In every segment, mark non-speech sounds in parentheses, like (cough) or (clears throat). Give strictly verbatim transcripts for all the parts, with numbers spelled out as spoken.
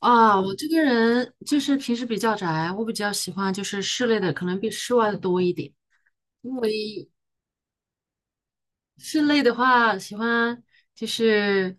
啊，我这个人就是平时比较宅，我比较喜欢就是室内的，可能比室外的多一点。因为室内的话，喜欢就是，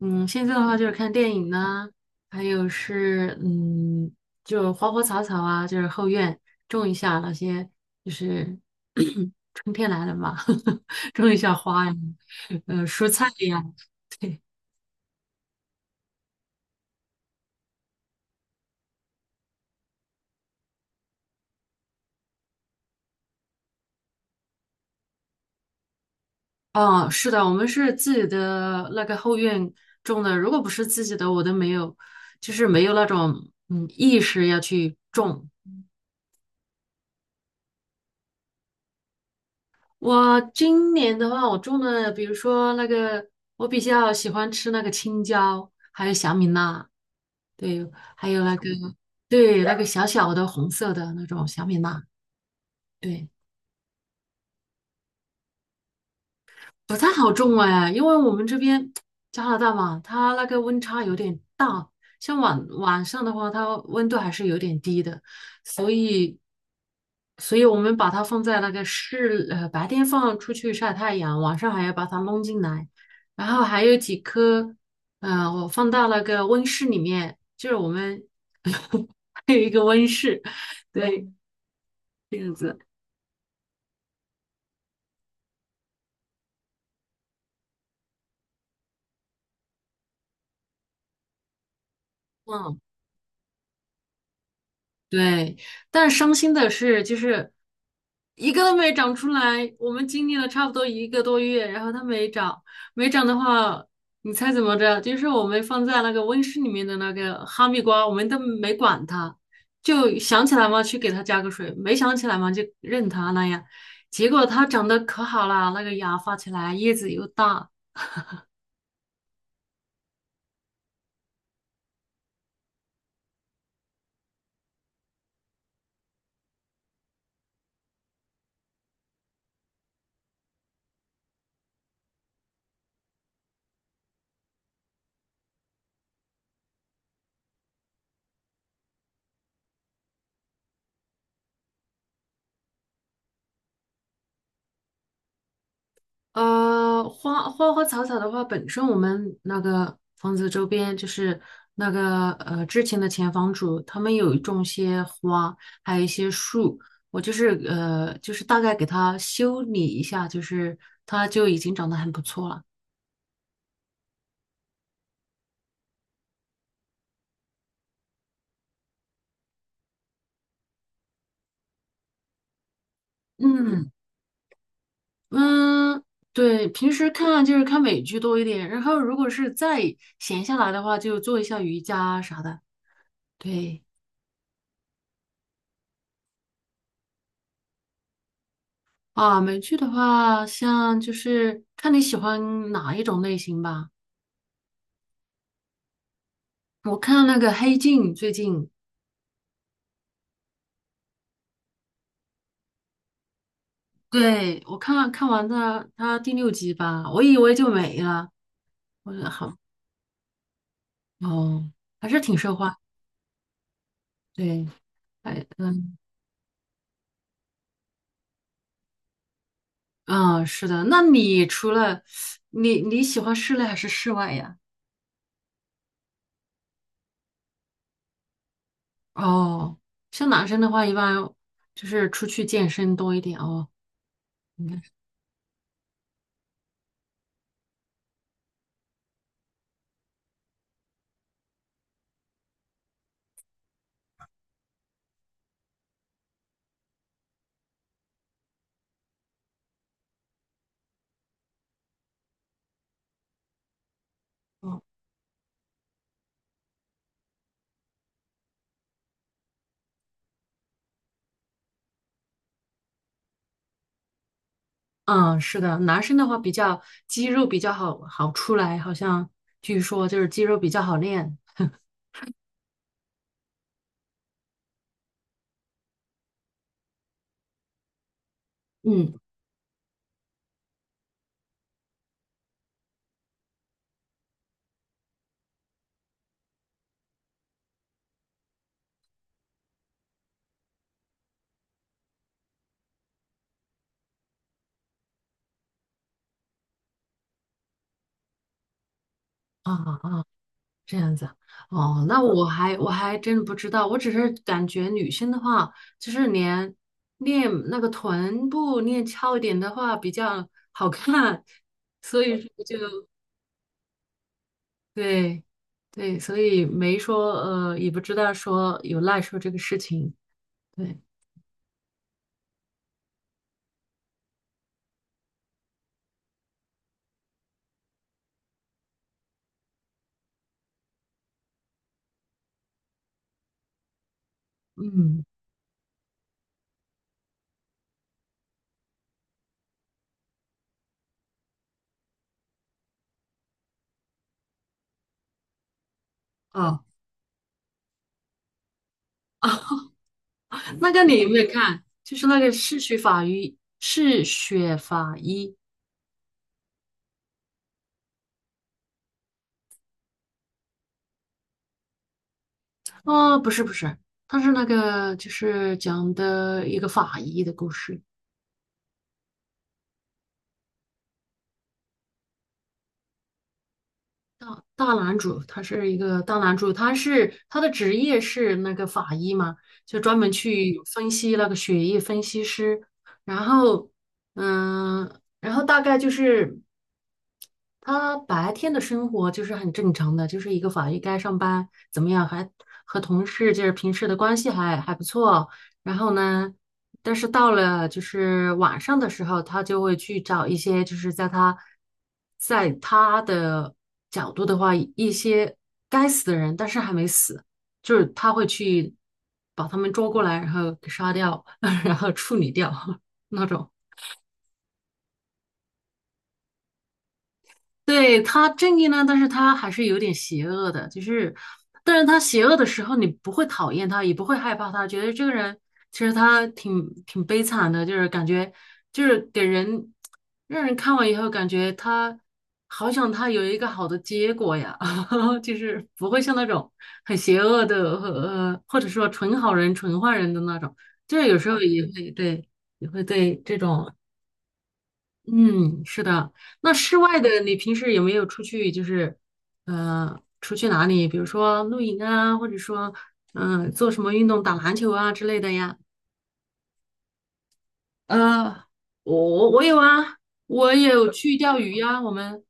嗯，现在的话就是看电影呢，还有是嗯，就花花草草啊，就是后院种一下那些，就是 (coughs) (clears throat) 春天来了嘛，(laughs) 种一下花呀，呃，蔬菜呀，(laughs) 哦，是的，我们是自己的那个后院种的，如果不是自己的，我都没有，就是没有那种嗯意识要去种。我今年的话，我种了，比如说那个，我比较喜欢吃那个青椒，还有小米辣，对，还有那个，对，那个小小的红色的那种小米辣，对。不太好种哎，因为我们这边加拿大嘛，它那个温差有点大，像晚晚上的话，它温度还是有点低的，所以，所以我们把它放在那个室，呃，白天放出去晒太阳，晚上还要把它弄进来，然后还有几棵，呃，我放到那个温室里面，就是我们 (laughs) 还有一个温室，对，这样子，嗯，对。但伤心的是，就是一个都没长出来。我们经历了差不多一个多月，然后它没长，没长的话，你猜怎么着？就是我们放在那个温室里面的那个哈密瓜，我们都没管它，就想起来嘛去给它加个水，没想起来嘛就任它那样。结果它长得可好了，那个芽发起来，叶子又大，呃，花花花草草的话，本身我们那个房子周边就是那个呃之前的前房主，他们有种些花，还有一些树。我就是呃，就是大概给它修理一下，就是它就已经长得很不错了。嗯嗯，对，平时看就是看美剧多一点，然后如果是再闲下来的话，就做一下瑜伽啊啥的。对。啊，美剧的话，像就是看你喜欢哪一种类型吧。我看那个《黑镜》，最近，对，我看看完的它第六集吧，我以为就没了，我觉得好哦，还是挺受欢迎。对，哎，嗯嗯，是的。那你除了你你喜欢室内还是室外呀？哦，像男生的话，一般就是出去健身多一点哦，应该是。嗯，是的，男生的话比较肌肉比较好好出来，好像据说就是肌肉比较好练。嗯，啊啊，啊这样子。哦，那我还我还真不知道，我只是感觉女生的话，就是连练那个臀部练翘一点的话比较好看，所以说就对对，所以没说呃，也不知道说有赖说这个事情。对，嗯，哦。(laughs) 那个你有没有看？就是那个嗜血法医，嗜血法医哦，不是不是他是那个就是讲的一个法医的故事。大大男主，他是一个大男主，他是他的职业是那个法医嘛，就专门去分析那个血液分析师。然后，嗯，然后大概就是。他白天的生活就是很正常的，就是一个法医该上班，怎么样还和同事就是平时的关系还还不错。然后呢，但是到了就是晚上的时候，他就会去找一些就是在他在他的角度的话，一些该死的人，但是还没死，就是他会去把他们抓过来，然后给杀掉，(laughs) 然后处理掉 (laughs) 那种。对，他正义呢，但是他还是有点邪恶的，就是，但是他邪恶的时候，你不会讨厌他，也不会害怕他，觉得这个人其实他挺挺悲惨的，就是感觉就是给人让人看完以后感觉他好想他有一个好的结果呀，(laughs) 就是不会像那种很邪恶的和呃或者说纯好人纯坏人的那种，就是有时候也会对也会对这种嗯，是的。那室外的，你平时有没有出去，就是呃，出去哪里？比如说露营啊，或者说嗯、呃做什么运动，打篮球啊之类的呀？呃，我我有啊，我有去钓鱼呀、我们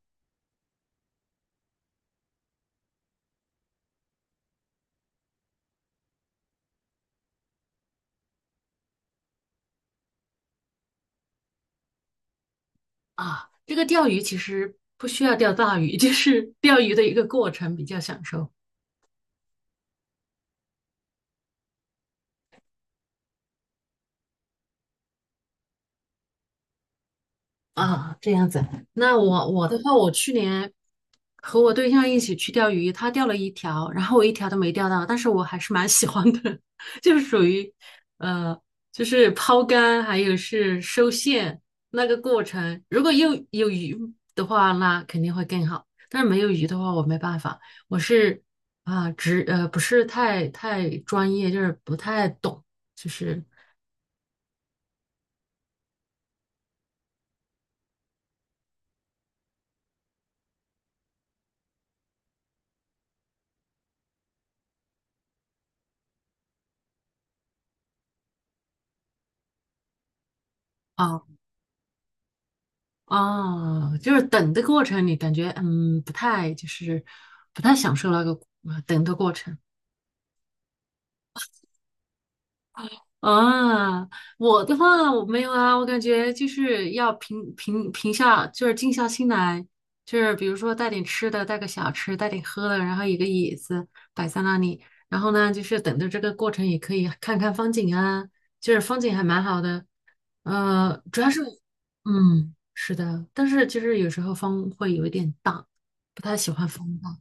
啊，这个钓鱼其实不需要钓大鱼，(laughs) 就是钓鱼的一个过程比较享受。啊，这样子。那我我的话，我去年和我对象一起去钓鱼，他钓了一条，然后我一条都没钓到，但是我还是蛮喜欢的，(laughs) 就是属于呃，就是抛竿还有是收线那个过程。如果又有鱼的话，那肯定会更好。但是没有鱼的话，我没办法，我是啊，只呃不是太太专业，就是不太懂，就是。啊。哦，就是等的过程，你感觉嗯不太就是不太享受那个呃等的过程啊。我的话我没有啊，我感觉就是要平平平下，就是静下心来，就是比如说带点吃的，带个小吃，带点喝的，然后一个椅子摆在那里，然后呢就是等着这个过程也可以看看风景啊，就是风景还蛮好的，呃，主要是，嗯，是的，但是其实有时候风会有一点大，不太喜欢风大，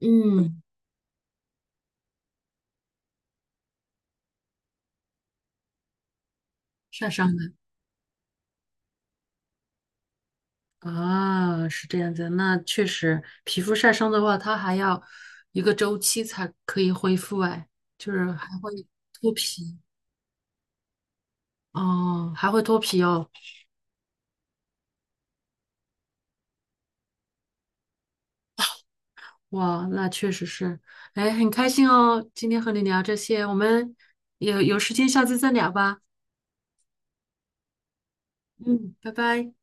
嗯，晒伤的啊，是这样子，那确实，皮肤晒伤的话，它还要一个周期才可以恢复，哎，就是还会脱皮哦，还会脱皮哦，哇，那确实是，哎，很开心哦，今天和你聊这些，我们有有时间下次再聊吧，嗯，拜拜。